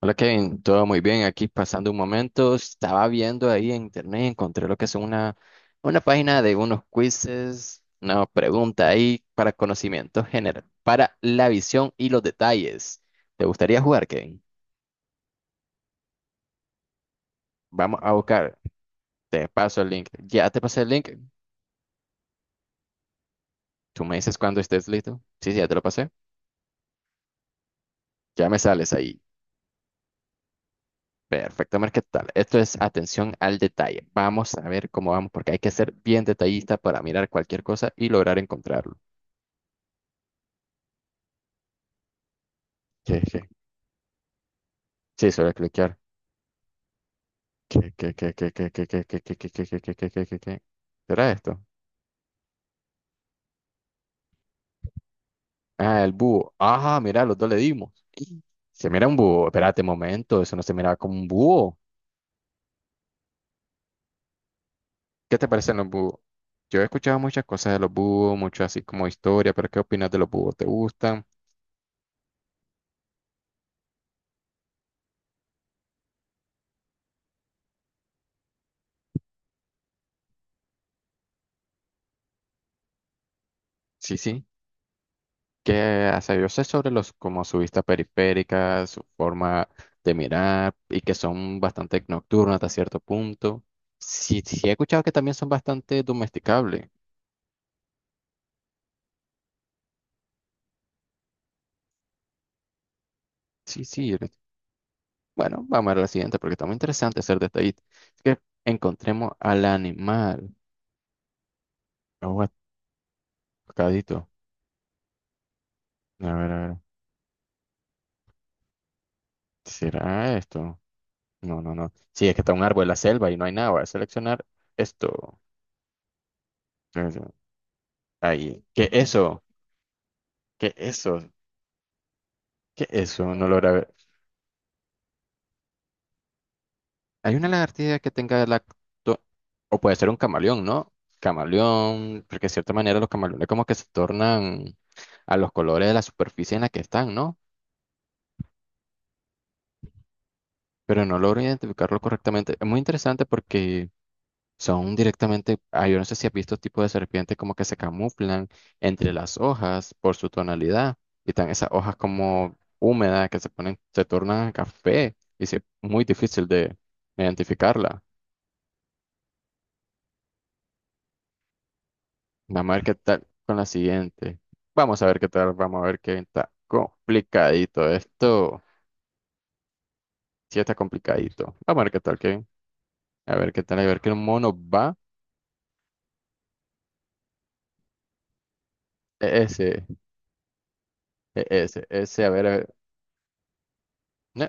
Hola Kevin, todo muy bien. Aquí pasando un momento, estaba viendo ahí en internet, encontré lo que es una página de unos quizzes, una pregunta ahí para conocimiento general, para la visión y los detalles. ¿Te gustaría jugar, Kevin? Vamos a buscar. Te paso el link. Ya te pasé el link. Tú me dices cuando estés listo. Sí, sí, ya te lo pasé. Ya me sales ahí. Perfecto, Mar, ¿qué tal? Esto es atención al detalle. Vamos a ver cómo vamos, porque hay que ser bien detallista para mirar cualquier cosa y lograr encontrarlo. Sí, se va a cliquear. ¿Qué, qué, qué, qué, qué, qué, qué, qué, qué, qué, qué, qué, qué, qué, qué, qué, qué? ¿Será esto? Ah, el búho. Ajá, mira, los dos le dimos. Y se mira un búho. Espérate un momento, eso no se miraba como un búho. ¿Qué te parecen los búhos? Yo he escuchado muchas cosas de los búhos, mucho así como historia, pero ¿qué opinas de los búhos? ¿Te gustan? Sí, sí. ¿Qué hace? Yo sé sobre los, como su vista periférica, su forma de mirar y que son bastante nocturnas hasta cierto punto. Sí, sí, he escuchado que también son bastante domesticables. Sí, sí. Bueno, vamos a ver la siguiente porque está muy interesante hacer detallito. Es que encontremos al animal. Aguacadito. A ver, a ver. ¿Será esto? No, no, no. Sí, es que está un árbol en la selva y no hay nada. Voy a seleccionar esto. Eso. Ahí. ¿Qué eso? ¿Qué eso? ¿Qué eso? No logra ver. Hay una lagartija que tenga lacto. O puede ser un camaleón, ¿no? Camaleón. Porque de cierta manera los camaleones como que se tornan a los colores de la superficie en la que están, ¿no? Pero no logro identificarlo correctamente. Es muy interesante porque son directamente, yo no sé si has visto tipos de serpientes como que se camuflan entre las hojas por su tonalidad y están esas hojas como húmedas que se ponen, se tornan café y es muy difícil de identificarla. Vamos a ver qué tal con la siguiente. Vamos a ver qué tal, vamos a ver qué está complicadito esto. Sí está complicadito. Vamos a ver qué tal, Kevin. A ver qué tal, a ver qué mono va. Ese. Ese, a ver, a ver. No,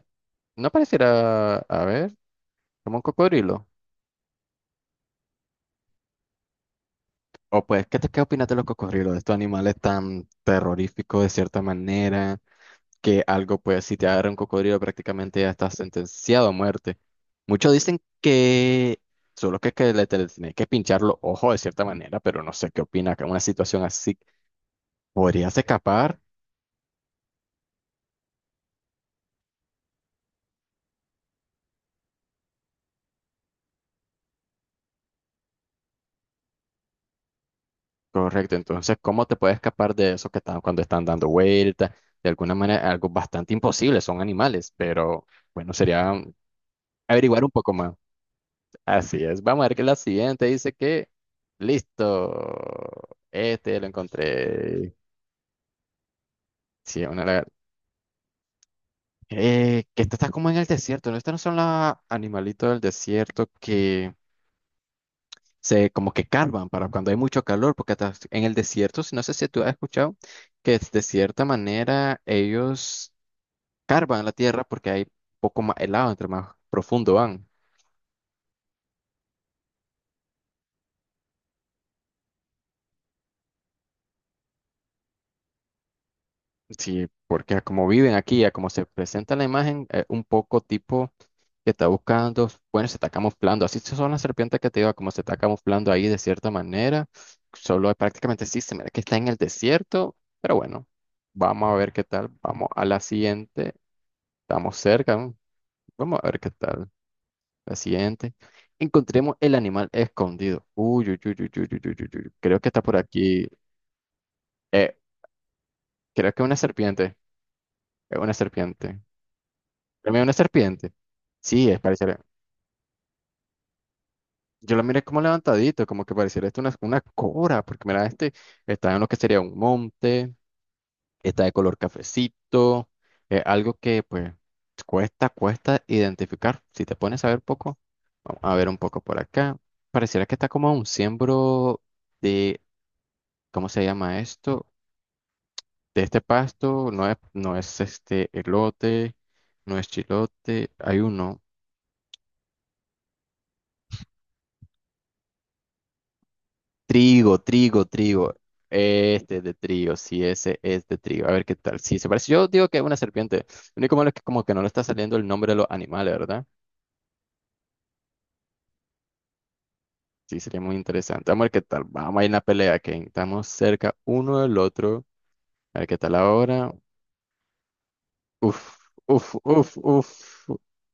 no pareciera, a ver, como un cocodrilo. O pues, qué opinas de los cocodrilos? De estos animales tan terroríficos de cierta manera, que algo, pues, si te agarra un cocodrilo prácticamente ya estás sentenciado a muerte. Muchos dicen que solo que tenés que pinchar los ojos de cierta manera, pero no sé qué opinas, que una situación así, ¿podrías escapar? Correcto, entonces, ¿cómo te puedes escapar de eso que están cuando están dando vueltas? De alguna manera, algo bastante imposible, son animales, pero. Bueno, sería averiguar un poco más. Así es. Vamos a ver que la siguiente dice que, listo, este lo encontré. Sí. Que esta está como en el desierto, ¿no? Estas no son los animalitos del desierto que se como que carvan para cuando hay mucho calor, porque hasta en el desierto, si no sé si tú has escuchado, que de cierta manera ellos carvan la tierra porque hay poco más helado, entre más profundo van. Sí, porque a como viven aquí, a como se presenta la imagen, un poco tipo que está buscando, bueno, se está camuflando, así son las serpientes que te digo, como se está camuflando ahí de cierta manera, solo prácticamente sí se mira que está en el desierto, pero bueno, vamos a ver qué tal, vamos a la siguiente, estamos cerca, ¿no? Vamos a ver qué tal, la siguiente, encontremos el animal escondido, uy, uy, uy, uy, uy, uy, uy, uy, uy, creo que está por aquí, eh, creo que es una serpiente, es una serpiente. Para una serpiente. Sí, es pareciera. Yo la miré como levantadito, como que pareciera esto una cobra, porque mira, este está en lo que sería un monte, está de color cafecito, es algo que pues cuesta, cuesta identificar. Si te pones a ver poco, vamos a ver un poco por acá. Pareciera que está como un siembro de, ¿cómo se llama esto? De este pasto, no es este elote, no es chilote, hay uno. Trigo, trigo, trigo. Este es de trigo, sí, ese es de trigo. A ver qué tal. Sí, se parece. Yo digo que es una serpiente. Lo único malo es que como que no le está saliendo el nombre de los animales, ¿verdad? Sí, sería muy interesante. Vamos a ver qué tal. Vamos a ir en la pelea, que estamos cerca uno del otro. A ver qué tal ahora. Uf, uf, uf, uf.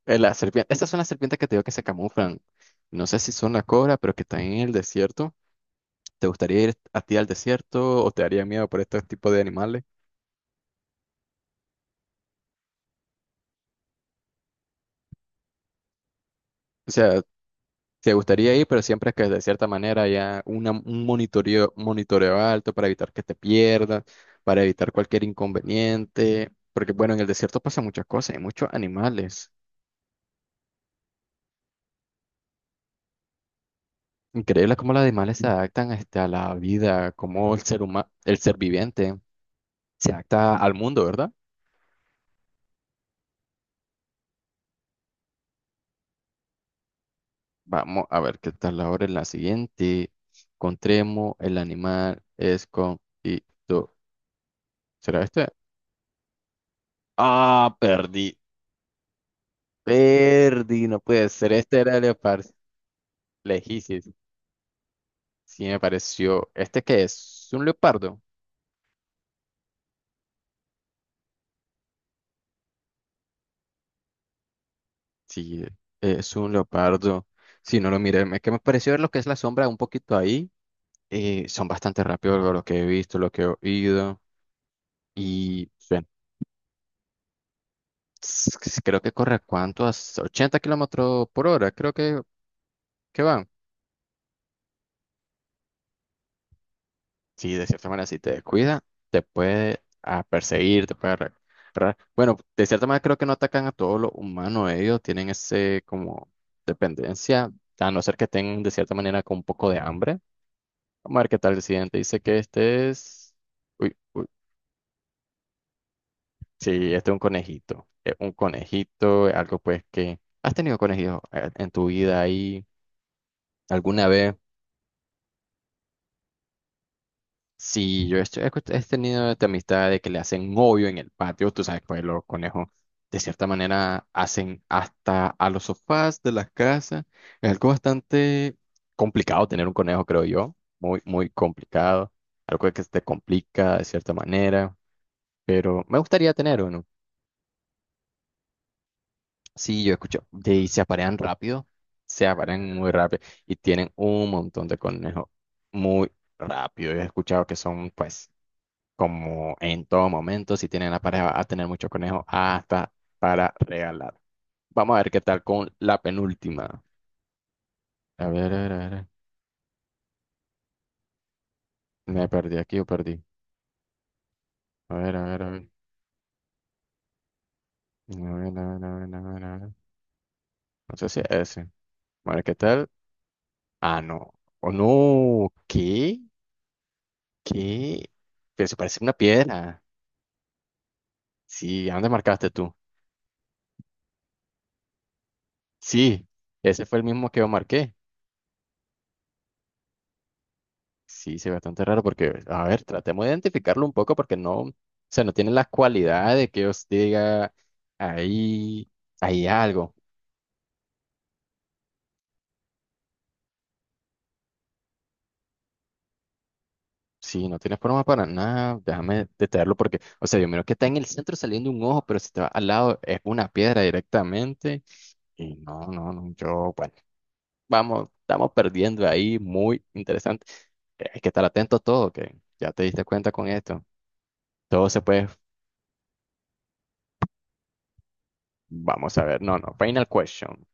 La serpiente. Estas son las serpientes que te digo que se camuflan. No sé si son la cobra, pero que están en el desierto. ¿Te gustaría ir a ti al desierto o te daría miedo por estos tipos de animales? O sea, te gustaría ir, pero siempre que de cierta manera haya un monitoreo, monitoreo alto para evitar que te pierdas, para evitar cualquier inconveniente, porque bueno, en el desierto pasa muchas cosas, hay muchos animales. Increíble cómo los animales se adaptan a la vida, cómo el ser humano, el ser viviente se adapta al mundo, ¿verdad? Vamos a ver qué tal ahora en la siguiente. Encontremos el animal es con y tú. ¿Será este? Ah, perdí. Perdí, no puede ser. Este era el leopardo. Le dijiste, sí me pareció. ¿Este qué es? ¿Un leopardo? Sí, es un leopardo. Si no lo miré, que me pareció ver lo que es la sombra un poquito ahí. Son bastante rápidos lo que he visto, lo que he oído. Y bueno, creo que corre a cuánto, a 80 kilómetros por hora, creo que van. Sí, de cierta manera, si te descuida, te puede perseguir, te puede. Bueno, de cierta manera creo que no atacan a todos los humanos, ellos tienen ese como dependencia, a no ser que tengan de cierta manera con un poco de hambre. Vamos a ver qué tal el siguiente. Dice que este es. Uy, uy, sí, este es un conejito. Es un conejito, algo pues que. ¿Has tenido conejitos en tu vida ahí alguna vez? Sí, yo estoy- he, escu- he tenido esta amistad de que le hacen hoyo en el patio, tú sabes, pues los conejos de cierta manera hacen hasta a los sofás de las casas. Es algo bastante complicado tener un conejo, creo yo, muy, muy complicado, algo que se te complica de cierta manera, pero me gustaría tener uno. Sí, yo escucho, y se aparean rápido, se aparean muy rápido y tienen un montón de conejos muy rápido. Yo he escuchado que son, pues. Como en todo momento, si tienen la pareja, va a tener muchos conejos hasta para regalar. Vamos a ver qué tal con la penúltima. A ver, a ver, a ver. Me perdí aquí o perdí. A ver, a ver, a ver. A ver, a ver, a ver, a ver, a ver. No sé si es ese. A ver qué tal. Ah, no. Oh, no. ¿Qué? ¿Qué? Pero se parece una piedra. Sí, ¿a dónde marcaste tú? Sí, ese fue el mismo que yo marqué. Sí, sí, bastante raro porque, a ver, tratemos de identificarlo un poco porque no, o sea, no tiene las cualidades que os diga ahí hay algo. Sí, no tiene forma para nada, déjame detenerlo porque, o sea, yo miro que está en el centro saliendo un ojo, pero si te va al lado es una piedra directamente. Y no, no, no, bueno, vamos, estamos perdiendo ahí, muy interesante. Hay que estar atento a todo, que ya te diste cuenta con esto. Todo se puede, vamos a ver, no, no, final question.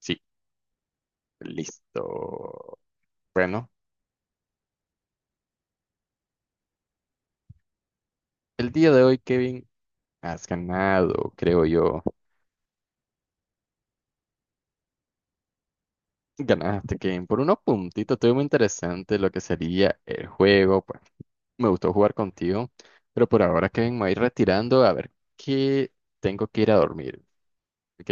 Sí. Listo. Bueno, el día de hoy, Kevin, has ganado, creo yo. Ganaste, Kevin, por unos puntitos. Estuvo muy interesante lo que sería el juego. Pues me gustó jugar contigo. Pero por ahora, Kevin, me voy retirando a ver que tengo que ir a dormir. ¿Ok?